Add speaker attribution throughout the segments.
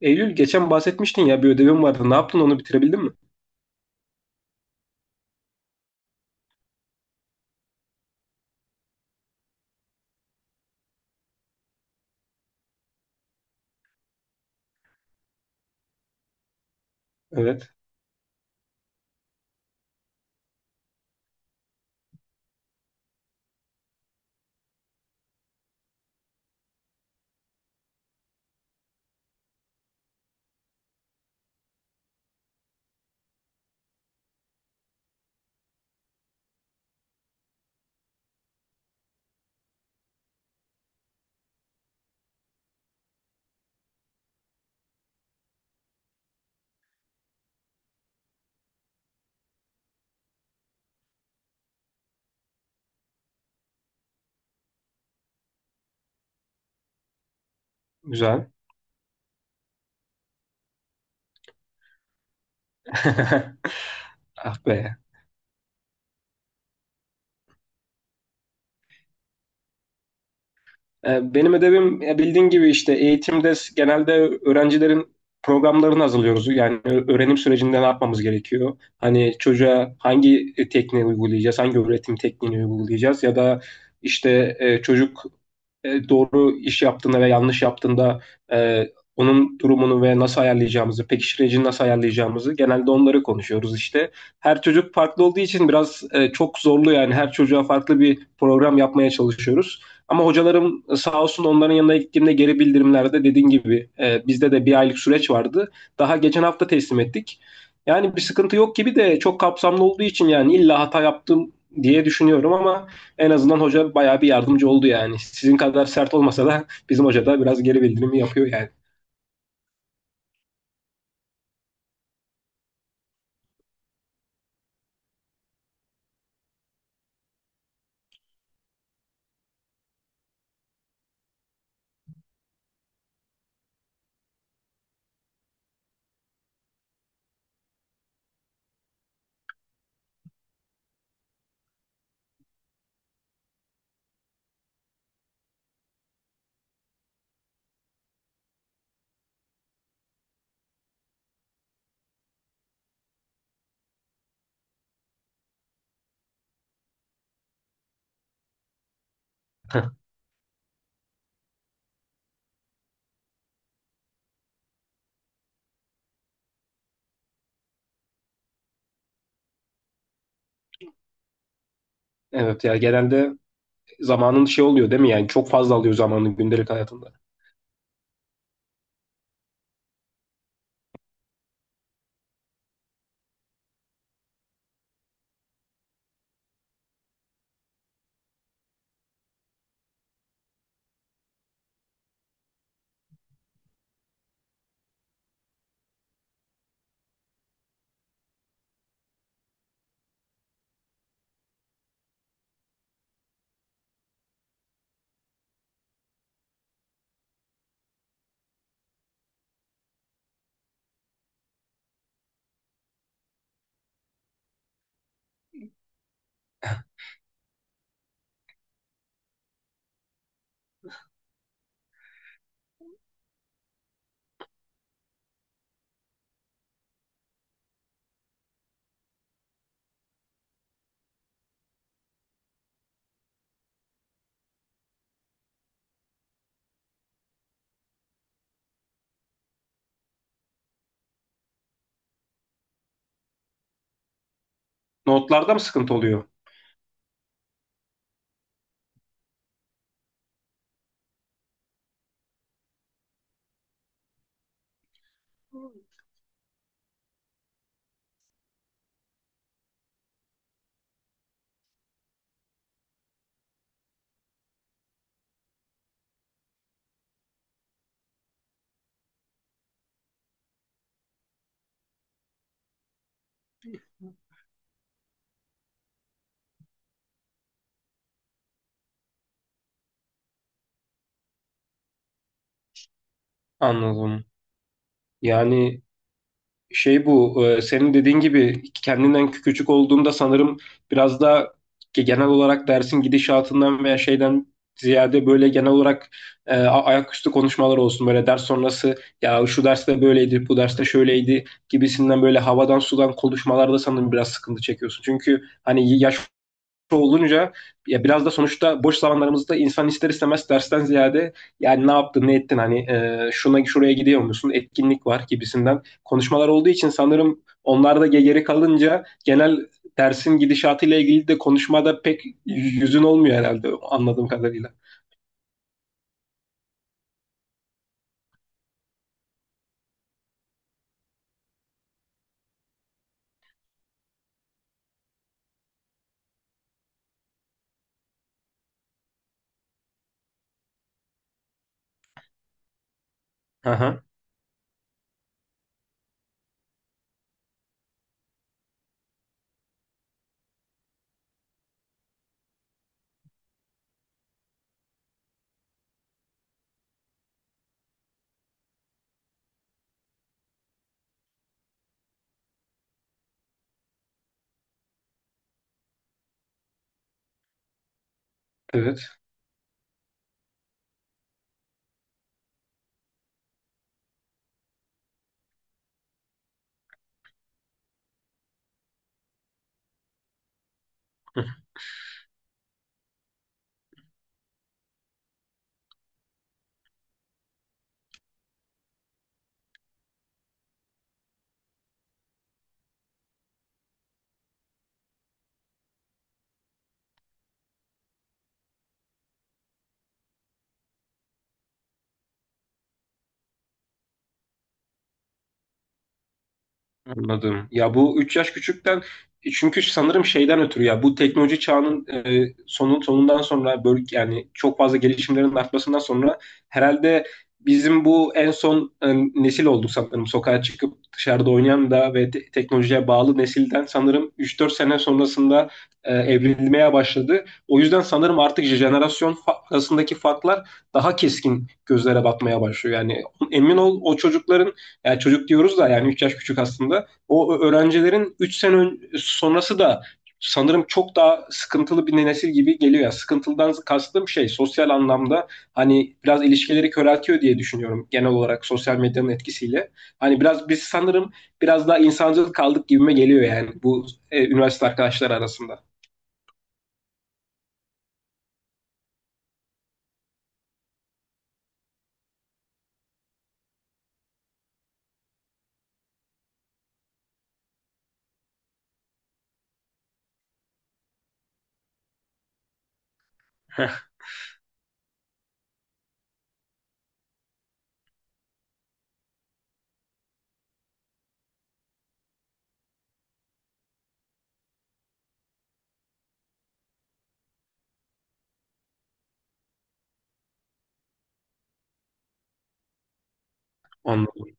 Speaker 1: Eylül geçen bahsetmiştin ya bir ödevim vardı. Ne yaptın, onu bitirebildin mi? Evet. Güzel. Ah be. Benim ödevim, bildiğin gibi, işte eğitimde genelde öğrencilerin programlarını hazırlıyoruz. Yani öğrenim sürecinde ne yapmamız gerekiyor? Hani çocuğa hangi tekniği uygulayacağız, hangi öğretim tekniğini uygulayacağız, ya da işte çocuk doğru iş yaptığında ve yanlış yaptığında e, onun durumunu ve nasıl ayarlayacağımızı, pekiştiricini nasıl ayarlayacağımızı genelde onları konuşuyoruz işte. Her çocuk farklı olduğu için biraz çok zorlu, yani her çocuğa farklı bir program yapmaya çalışıyoruz. Ama hocalarım, sağ olsun, onların yanına gittiğimde geri bildirimlerde, dediğin gibi, bizde de bir aylık süreç vardı. Daha geçen hafta teslim ettik. Yani bir sıkıntı yok gibi de çok kapsamlı olduğu için yani illa hata yaptım diye düşünüyorum, ama en azından hoca bayağı bir yardımcı oldu yani. Sizin kadar sert olmasa da bizim hoca da biraz geri bildirimi yapıyor yani. evet, ya genelde zamanın şey oluyor değil mi, yani çok fazla alıyor zamanın gündelik hayatında. Notlarda mı sıkıntı oluyor? Anladım. Yani şey, bu senin dediğin gibi kendinden küçük olduğumda sanırım biraz da genel olarak dersin gidişatından veya şeyden ziyade, böyle genel olarak ayaküstü konuşmalar olsun, böyle ders sonrası ya şu derste böyleydi, bu derste şöyleydi gibisinden, böyle havadan sudan konuşmalarda sanırım biraz sıkıntı çekiyorsun. Çünkü hani yaş olunca, ya biraz da sonuçta boş zamanlarımızda insan ister istemez dersten ziyade yani ne yaptın ne ettin, hani şuna şuraya gidiyor musun, etkinlik var gibisinden konuşmalar olduğu için sanırım, onlar da geri kalınca genel dersin gidişatıyla ilgili de konuşmada pek yüzün olmuyor herhalde, anladığım kadarıyla. Aha, evet. Anladım. Ya bu 3 yaş küçükten, çünkü sanırım şeyden ötürü, ya bu teknoloji çağının sonundan sonra böyle yani çok fazla gelişimlerin artmasından sonra herhalde bizim bu en son nesil olduk sanırım, sokağa çıkıp dışarıda oynayan. Da ve teknolojiye bağlı nesilden sanırım üç dört sene sonrasında evrilmeye başladı. O yüzden sanırım artık jenerasyon arasındaki farklar daha keskin, gözlere batmaya başlıyor. Yani emin ol, o çocukların, yani çocuk diyoruz da yani 3 yaş küçük aslında, o öğrencilerin 3 sene sonrası da sanırım çok daha sıkıntılı bir nesil gibi geliyor. Yani sıkıntılıdan kastım şey, sosyal anlamda hani biraz ilişkileri köreltiyor diye düşünüyorum, genel olarak sosyal medyanın etkisiyle. Hani biraz biz sanırım biraz daha insancıl kaldık gibime geliyor yani, bu üniversite arkadaşları arasında. Heh, anladım.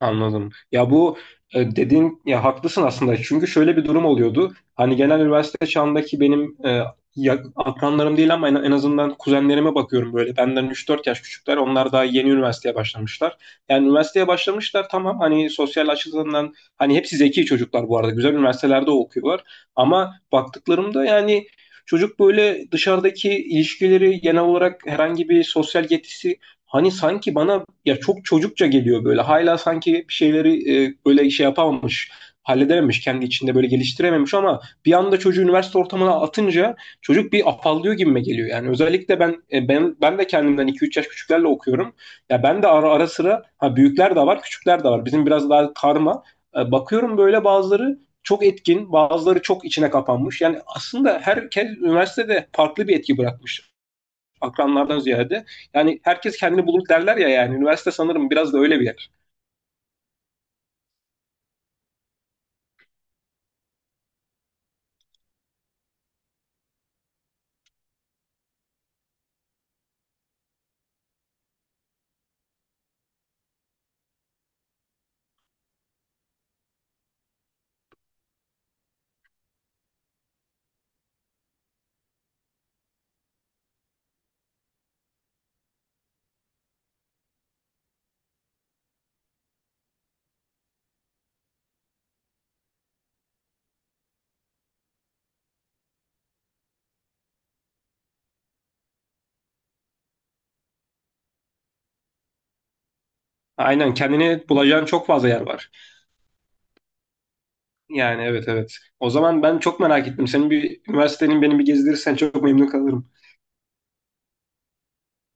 Speaker 1: Anladım. Ya bu, dediğin, ya haklısın aslında. Çünkü şöyle bir durum oluyordu. Hani genel üniversite çağındaki benim akranlarım değil ama en azından kuzenlerime bakıyorum böyle. Benden üç dört yaş küçükler. Onlar daha yeni üniversiteye başlamışlar. Yani üniversiteye başlamışlar tamam, hani sosyal açıdan, hani hepsi zeki çocuklar bu arada. Güzel üniversitelerde okuyorlar. Ama baktıklarımda yani, çocuk böyle dışarıdaki ilişkileri genel olarak, herhangi bir sosyal yetisi, hani sanki bana ya çok çocukça geliyor böyle. Hala sanki bir şeyleri böyle şey yapamamış, halledememiş, kendi içinde böyle geliştirememiş, ama bir anda çocuğu üniversite ortamına atınca çocuk bir afallıyor gibime geliyor. Yani özellikle ben e, ben ben de kendimden 2-3 yaş küçüklerle okuyorum. Ya ben de ara sıra, ha büyükler de var, küçükler de var. Bizim biraz daha karma. Bakıyorum böyle bazıları çok etkin, bazıları çok içine kapanmış. Yani aslında herkes üniversitede farklı bir etki bırakmış, akranlardan ziyade. Yani herkes kendini bulur derler ya yani. Üniversite sanırım biraz da öyle bir yer. Aynen, kendini bulacağın çok fazla yer var. Yani evet, evet. O zaman ben çok merak ettim. Senin bir üniversitenin beni bir gezdirirsen çok memnun kalırım.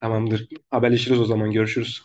Speaker 1: Tamamdır. Haberleşiriz o zaman. Görüşürüz.